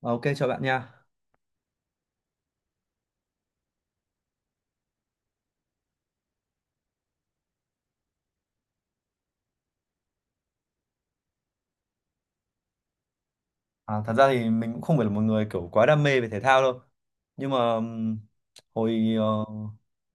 Ok chào bạn nha. À, thật ra thì mình cũng không phải là một người kiểu quá đam mê về thể thao đâu. Nhưng mà hồi ờ,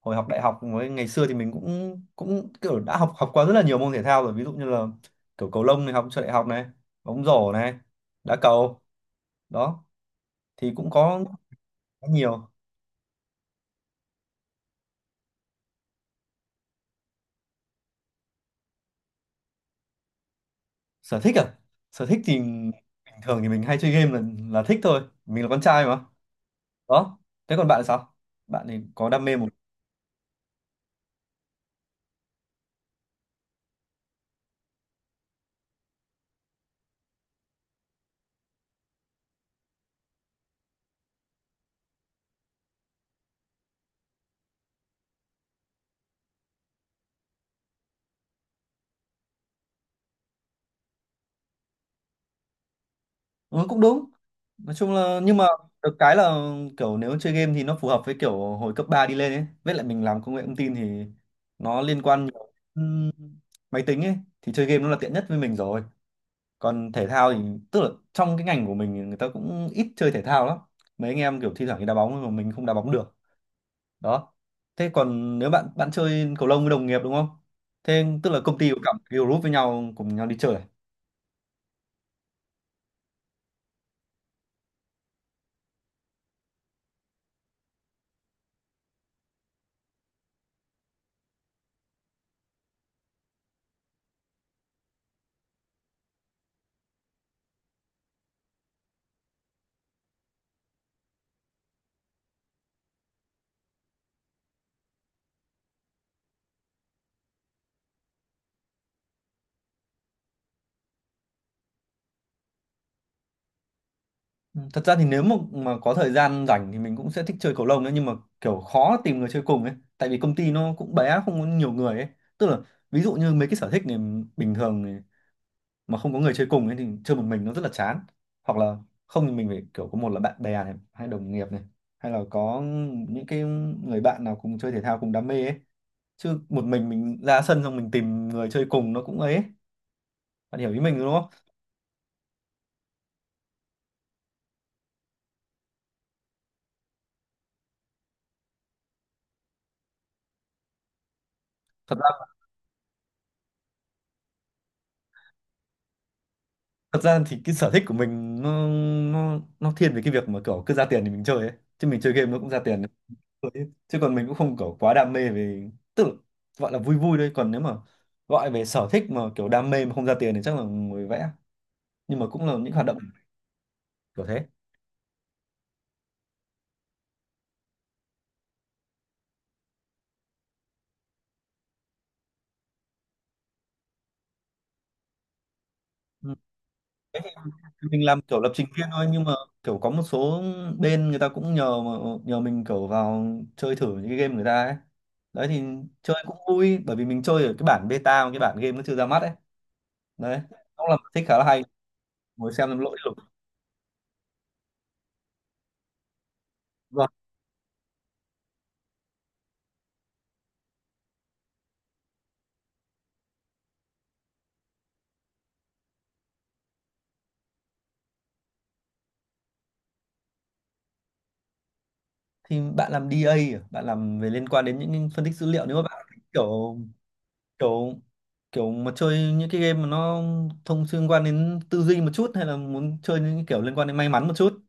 hồi học đại học với ngày xưa thì mình cũng cũng kiểu đã học học qua rất là nhiều môn thể thao rồi, ví dụ như là kiểu cầu lông này, học cho đại học này, bóng rổ này, đá cầu đó thì cũng có khá nhiều. Sở thích à? Sở thích thì bình thường thì mình hay chơi game là thích thôi, mình là con trai mà. Đó. Thế còn bạn là sao? Bạn thì có đam mê một. Ừ, cũng đúng. Nói chung là, nhưng mà được cái là kiểu nếu chơi game thì nó phù hợp với kiểu hồi cấp 3 đi lên ấy. Với lại mình làm công nghệ thông tin thì nó liên quan nhiều đến máy tính ấy, thì chơi game nó là tiện nhất với mình rồi. Còn thể thao thì tức là trong cái ngành của mình thì người ta cũng ít chơi thể thao lắm. Mấy anh em kiểu thi thoảng đi đá bóng nhưng mà mình không đá bóng được. Đó. Thế còn nếu bạn bạn chơi cầu lông với đồng nghiệp đúng không? Thế tức là công ty có cả một cái group với nhau cùng nhau đi chơi à? Ừ, thật ra thì nếu mà có thời gian rảnh thì mình cũng sẽ thích chơi cầu lông đấy, nhưng mà kiểu khó tìm người chơi cùng ấy, tại vì công ty nó cũng bé, không có nhiều người ấy, tức là ví dụ như mấy cái sở thích này bình thường này, mà không có người chơi cùng ấy thì chơi một mình nó rất là chán, hoặc là không thì mình phải kiểu có một là bạn bè này, hay đồng nghiệp này, hay là có những cái người bạn nào cùng chơi thể thao cùng đam mê ấy, chứ một mình ra sân xong mình tìm người chơi cùng nó cũng ấy, bạn hiểu ý mình đúng không? Thật thật ra thì cái sở thích của mình nó thiên về cái việc mà kiểu cứ ra tiền thì mình chơi ấy, chứ mình chơi game nó cũng ra tiền. Chơi ấy. Chứ còn mình cũng không kiểu quá đam mê, về tức là gọi là vui vui thôi, còn nếu mà gọi về sở thích mà kiểu đam mê mà không ra tiền thì chắc là ngồi vẽ, nhưng mà cũng là những hoạt động kiểu thế. Ừ. Mình làm kiểu lập trình viên thôi, nhưng mà kiểu có một số bên người ta cũng nhờ mình kiểu vào chơi thử những cái game người ta ấy, đấy thì chơi cũng vui bởi vì mình chơi ở cái bản beta mà cái bản game nó chưa ra mắt ấy, đấy cũng là một thích khá là hay, ngồi xem làm lỗi lục. Vâng. Thì bạn làm DA à? Bạn làm về liên quan đến những phân tích dữ liệu, nếu mà bạn thích kiểu kiểu kiểu mà chơi những cái game mà nó thông liên quan đến tư duy một chút, hay là muốn chơi những cái kiểu liên quan đến may mắn một chút,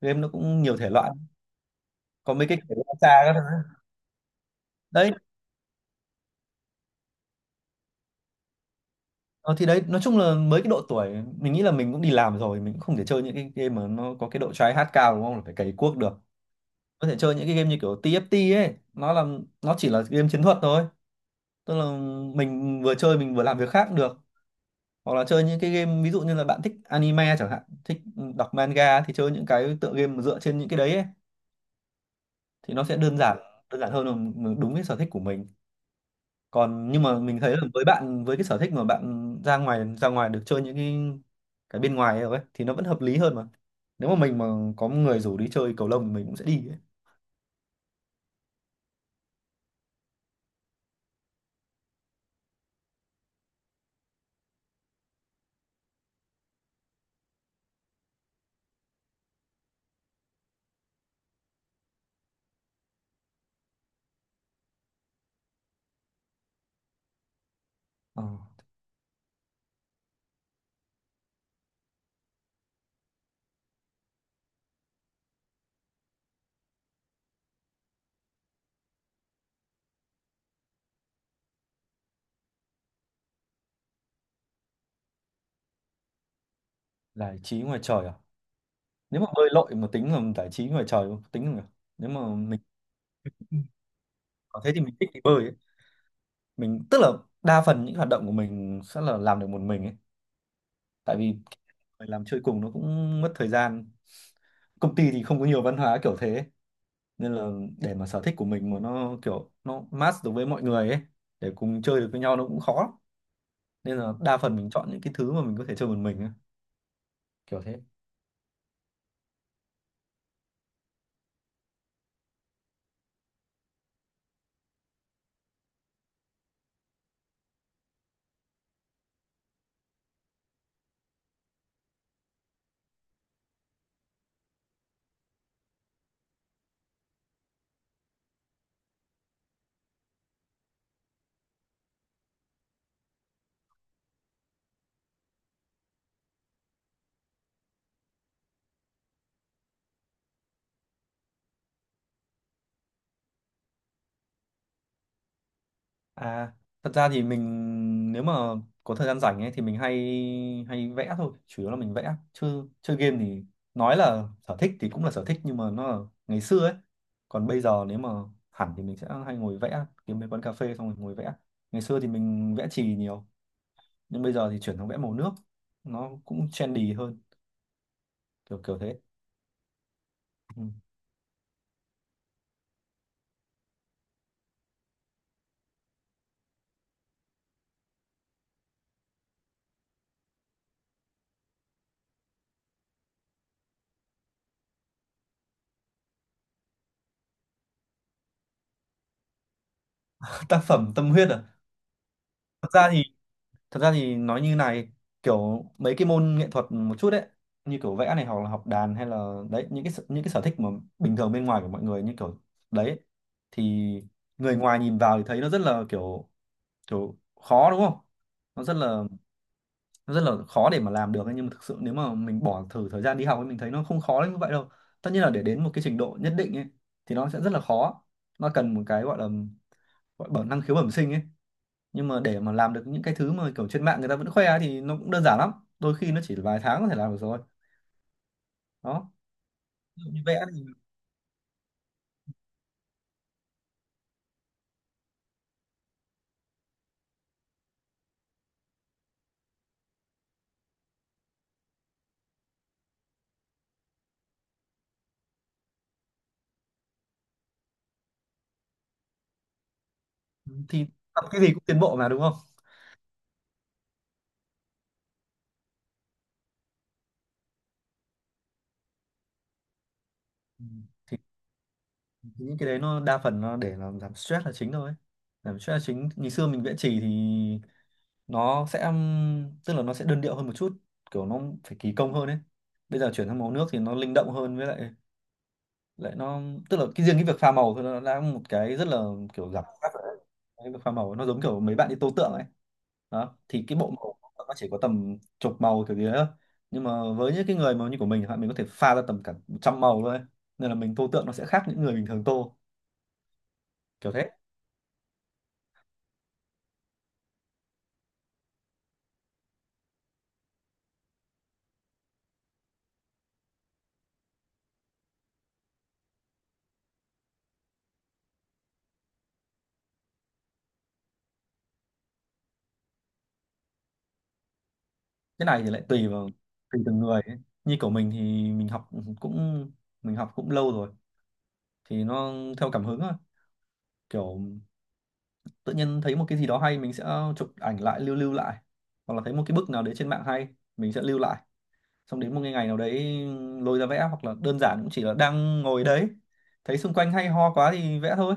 game nó cũng nhiều thể loại, có mấy cái kiểu xa các thứ. Đấy, ờ, thì đấy nói chung là mới cái độ tuổi mình nghĩ là mình cũng đi làm rồi, mình cũng không thể chơi những cái game mà nó có cái độ try hard cao đúng không, là phải cày cuốc được. Có thể chơi những cái game như kiểu TFT ấy, nó là nó chỉ là game chiến thuật thôi, tức là mình vừa chơi mình vừa làm việc khác cũng được, hoặc là chơi những cái game ví dụ như là bạn thích anime chẳng hạn, thích đọc manga, thì chơi những cái tựa game mà dựa trên những cái đấy ấy. Thì nó sẽ đơn giản hơn, là m- đúng cái sở thích của mình. Còn nhưng mà mình thấy là với bạn, với cái sở thích mà bạn ra ngoài được chơi những cái bên ngoài ấy thì nó vẫn hợp lý hơn mà, nếu mà mình có người rủ đi chơi cầu lông thì mình cũng sẽ đi ấy. Ờ, giải trí ngoài trời à. Nếu mà bơi lội mà tính là giải trí ngoài trời không? Tính không nhỉ? Nếu mà mình có thế thì mình thích đi bơi ấy. Mình tức là đa phần những hoạt động của mình sẽ là làm được một mình ấy, tại vì phải làm chơi cùng nó cũng mất thời gian, công ty thì không có nhiều văn hóa kiểu thế ấy. Nên là để mà sở thích của mình mà nó kiểu nó match được với mọi người ấy để cùng chơi được với nhau nó cũng khó, nên là đa phần mình chọn những cái thứ mà mình có thể chơi một mình ấy. Kiểu thế. À, thật ra thì mình, nếu mà có thời gian rảnh ấy thì mình hay hay vẽ thôi, chủ yếu là mình vẽ. Chứ chơi game thì nói là sở thích thì cũng là sở thích, nhưng mà nó là ngày xưa ấy. Còn bây giờ nếu mà hẳn thì mình sẽ hay ngồi vẽ, kiếm mấy quán cà phê xong rồi ngồi vẽ. Ngày xưa thì mình vẽ chì nhiều, nhưng bây giờ thì chuyển sang vẽ màu nước, nó cũng trendy hơn, kiểu kiểu thế. Ừ. Tác phẩm tâm huyết à? Thật ra thì thật ra thì nói như này, kiểu mấy cái môn nghệ thuật một chút đấy, như kiểu vẽ này hoặc là học đàn hay là đấy, những cái những cái sở thích mà bình thường bên ngoài của mọi người như kiểu đấy, thì người ngoài nhìn vào thì thấy nó rất là kiểu kiểu khó đúng không, nó rất là nó rất là khó để mà làm được ấy. Nhưng mà thực sự nếu mà mình bỏ thử thời gian đi học ấy mình thấy nó không khó đến như vậy đâu, tất nhiên là để đến một cái trình độ nhất định ấy thì nó sẽ rất là khó, nó cần một cái gọi là bẩm năng khiếu bẩm sinh ấy, nhưng mà để mà làm được những cái thứ mà kiểu trên mạng người ta vẫn khoe ấy thì nó cũng đơn giản lắm, đôi khi nó chỉ vài tháng có thể làm được rồi. Đó, ví dụ như vẽ thì tập cái gì cũng tiến bộ mà đúng không. Ừ. thì thì những cái đấy nó đa phần nó để làm giảm stress là chính thôi, giảm stress là chính. Ngày xưa mình vẽ chì thì nó sẽ tức là nó sẽ đơn điệu hơn một chút, kiểu nó phải kỳ công hơn ấy, bây giờ chuyển sang màu nước thì nó linh động hơn, với lại lại nó tức là cái riêng cái việc pha màu thôi nó đã một cái rất là kiểu giảm stress rồi. Cái việc pha màu nó giống kiểu mấy bạn đi tô tượng ấy, đó thì cái bộ màu của nó chỉ có tầm chục màu kiểu gì đấy thôi, nhưng mà với những cái người mà như của mình chẳng hạn mình có thể pha ra tầm cả trăm màu thôi, nên là mình tô tượng nó sẽ khác những người bình thường tô. Kiểu thế. Cái này thì lại tùy từng người ấy. Như của mình thì mình học cũng mình học cũng lâu rồi, thì nó theo cảm hứng thôi, kiểu tự nhiên thấy một cái gì đó hay mình sẽ chụp ảnh lại, lưu lưu lại, hoặc là thấy một cái bức nào đấy trên mạng hay mình sẽ lưu lại, xong đến một cái ngày nào đấy lôi ra vẽ, hoặc là đơn giản cũng chỉ là đang ngồi đấy thấy xung quanh hay ho quá thì vẽ thôi.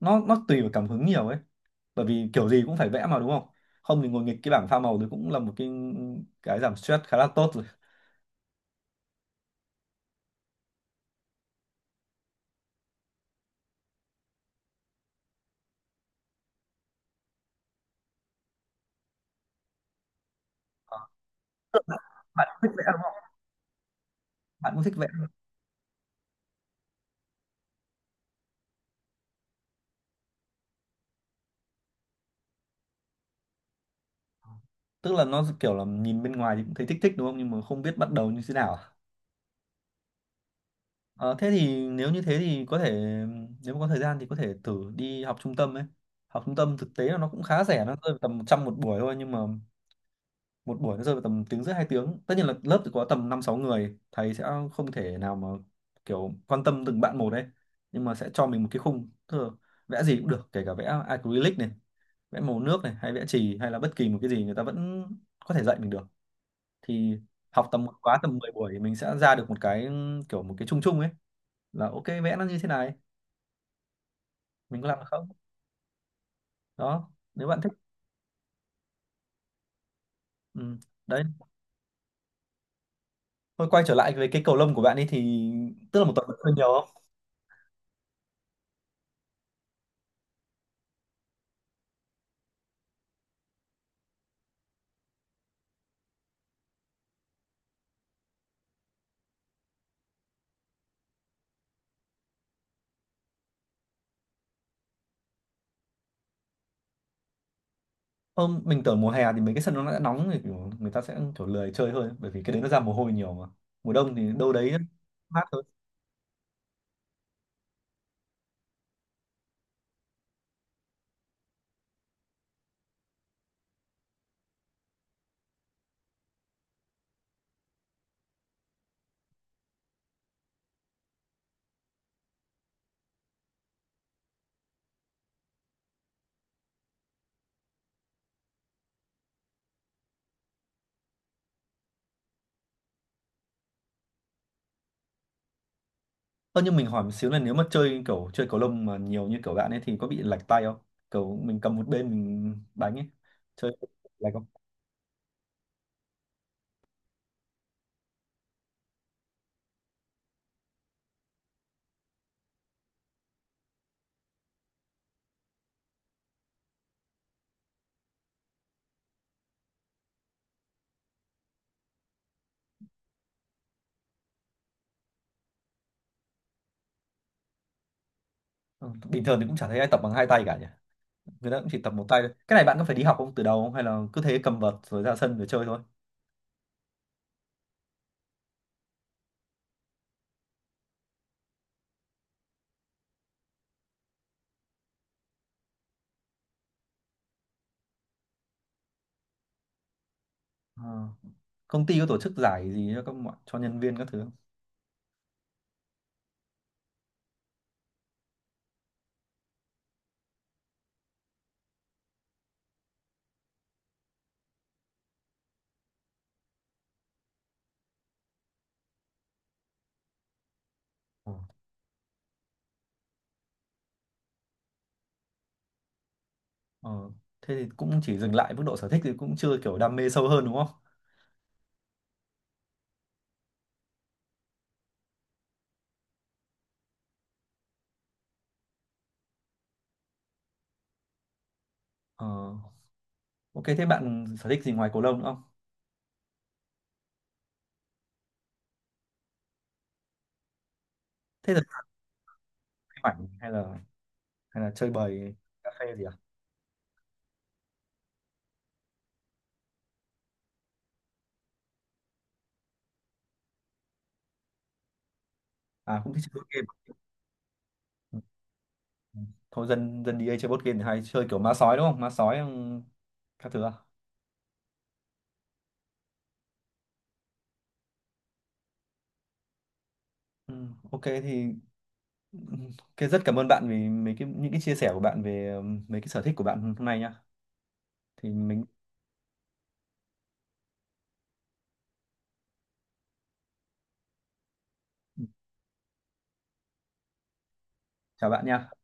Nó tùy vào cảm hứng nhiều ấy, bởi vì kiểu gì cũng phải vẽ mà đúng không, không thì ngồi nghịch cái bảng pha màu thì cũng là một cái giảm stress khá là tốt rồi. Ờ, bạn cũng thích vẽ đúng không? Bạn cũng thích vẽ, tức là nó kiểu là nhìn bên ngoài thì cũng thấy thích thích đúng không, nhưng mà không biết bắt đầu như thế nào à? Ờ, thế thì nếu như thế thì có thể, nếu mà có thời gian thì có thể thử đi học trung tâm ấy, học trung tâm thực tế là nó cũng khá rẻ, nó rơi vào tầm 100 một buổi thôi, nhưng mà một buổi nó rơi vào tầm tiếng rưỡi 2 tiếng, tất nhiên là lớp thì có tầm năm sáu người, thầy sẽ không thể nào mà kiểu quan tâm từng bạn một đấy, nhưng mà sẽ cho mình một cái khung. Tức là vẽ gì cũng được, kể cả vẽ acrylic này, vẽ màu nước này, hay vẽ chì, hay là bất kỳ một cái gì người ta vẫn có thể dạy mình được, thì học tầm một khóa tầm 10 buổi thì mình sẽ ra được một cái kiểu một cái chung chung ấy, là ok vẽ nó như thế này mình có làm được không. Đó, nếu bạn thích. Ừ. Đấy, thôi quay trở lại về cái cầu lông của bạn ấy thì tức là một tuần bạn chơi nhiều. Ờ, mình tưởng mùa hè thì mấy cái sân nó đã nóng thì kiểu người ta sẽ kiểu lười chơi hơn bởi vì cái đấy nó ra mồ hôi nhiều mà, mùa đông thì đâu đấy mát hơn. Ơ nhưng mình hỏi một xíu, là nếu mà chơi kiểu chơi cầu lông mà nhiều như kiểu bạn ấy thì có bị lệch tay không, kiểu mình cầm một bên mình đánh ấy, chơi lệch không? Ờ, bình thường thì cũng chả thấy ai tập bằng hai tay cả nhỉ, người ta cũng chỉ tập một tay thôi. Cái này bạn có phải đi học không từ đầu không, hay là cứ thế cầm vợt rồi ra sân rồi chơi thôi? Ờ. Công ty có tổ chức giải gì cho các mọi- cho nhân viên các thứ không? Ờ. Ờ, thế thì cũng chỉ dừng lại mức độ sở thích thì cũng chưa kiểu đam mê sâu hơn đúng không? Ờ, ok thế bạn sở thích gì ngoài cầu lông nữa không? Thế là chơi ảnh hay là chơi bời cà phê gì à? À cũng thích chơi board game. À? Ừ, ừ. Thôi dân dân đi đây chơi board game thì hay chơi kiểu ma sói đúng không? Ma sói các thứ à? Ừ, ok thì ừm, ok rất cảm ơn bạn vì mấy cái những cái chia sẻ của bạn về mấy cái sở thích của bạn hôm nay nhá. Thì mình ừ, chào bạn nha.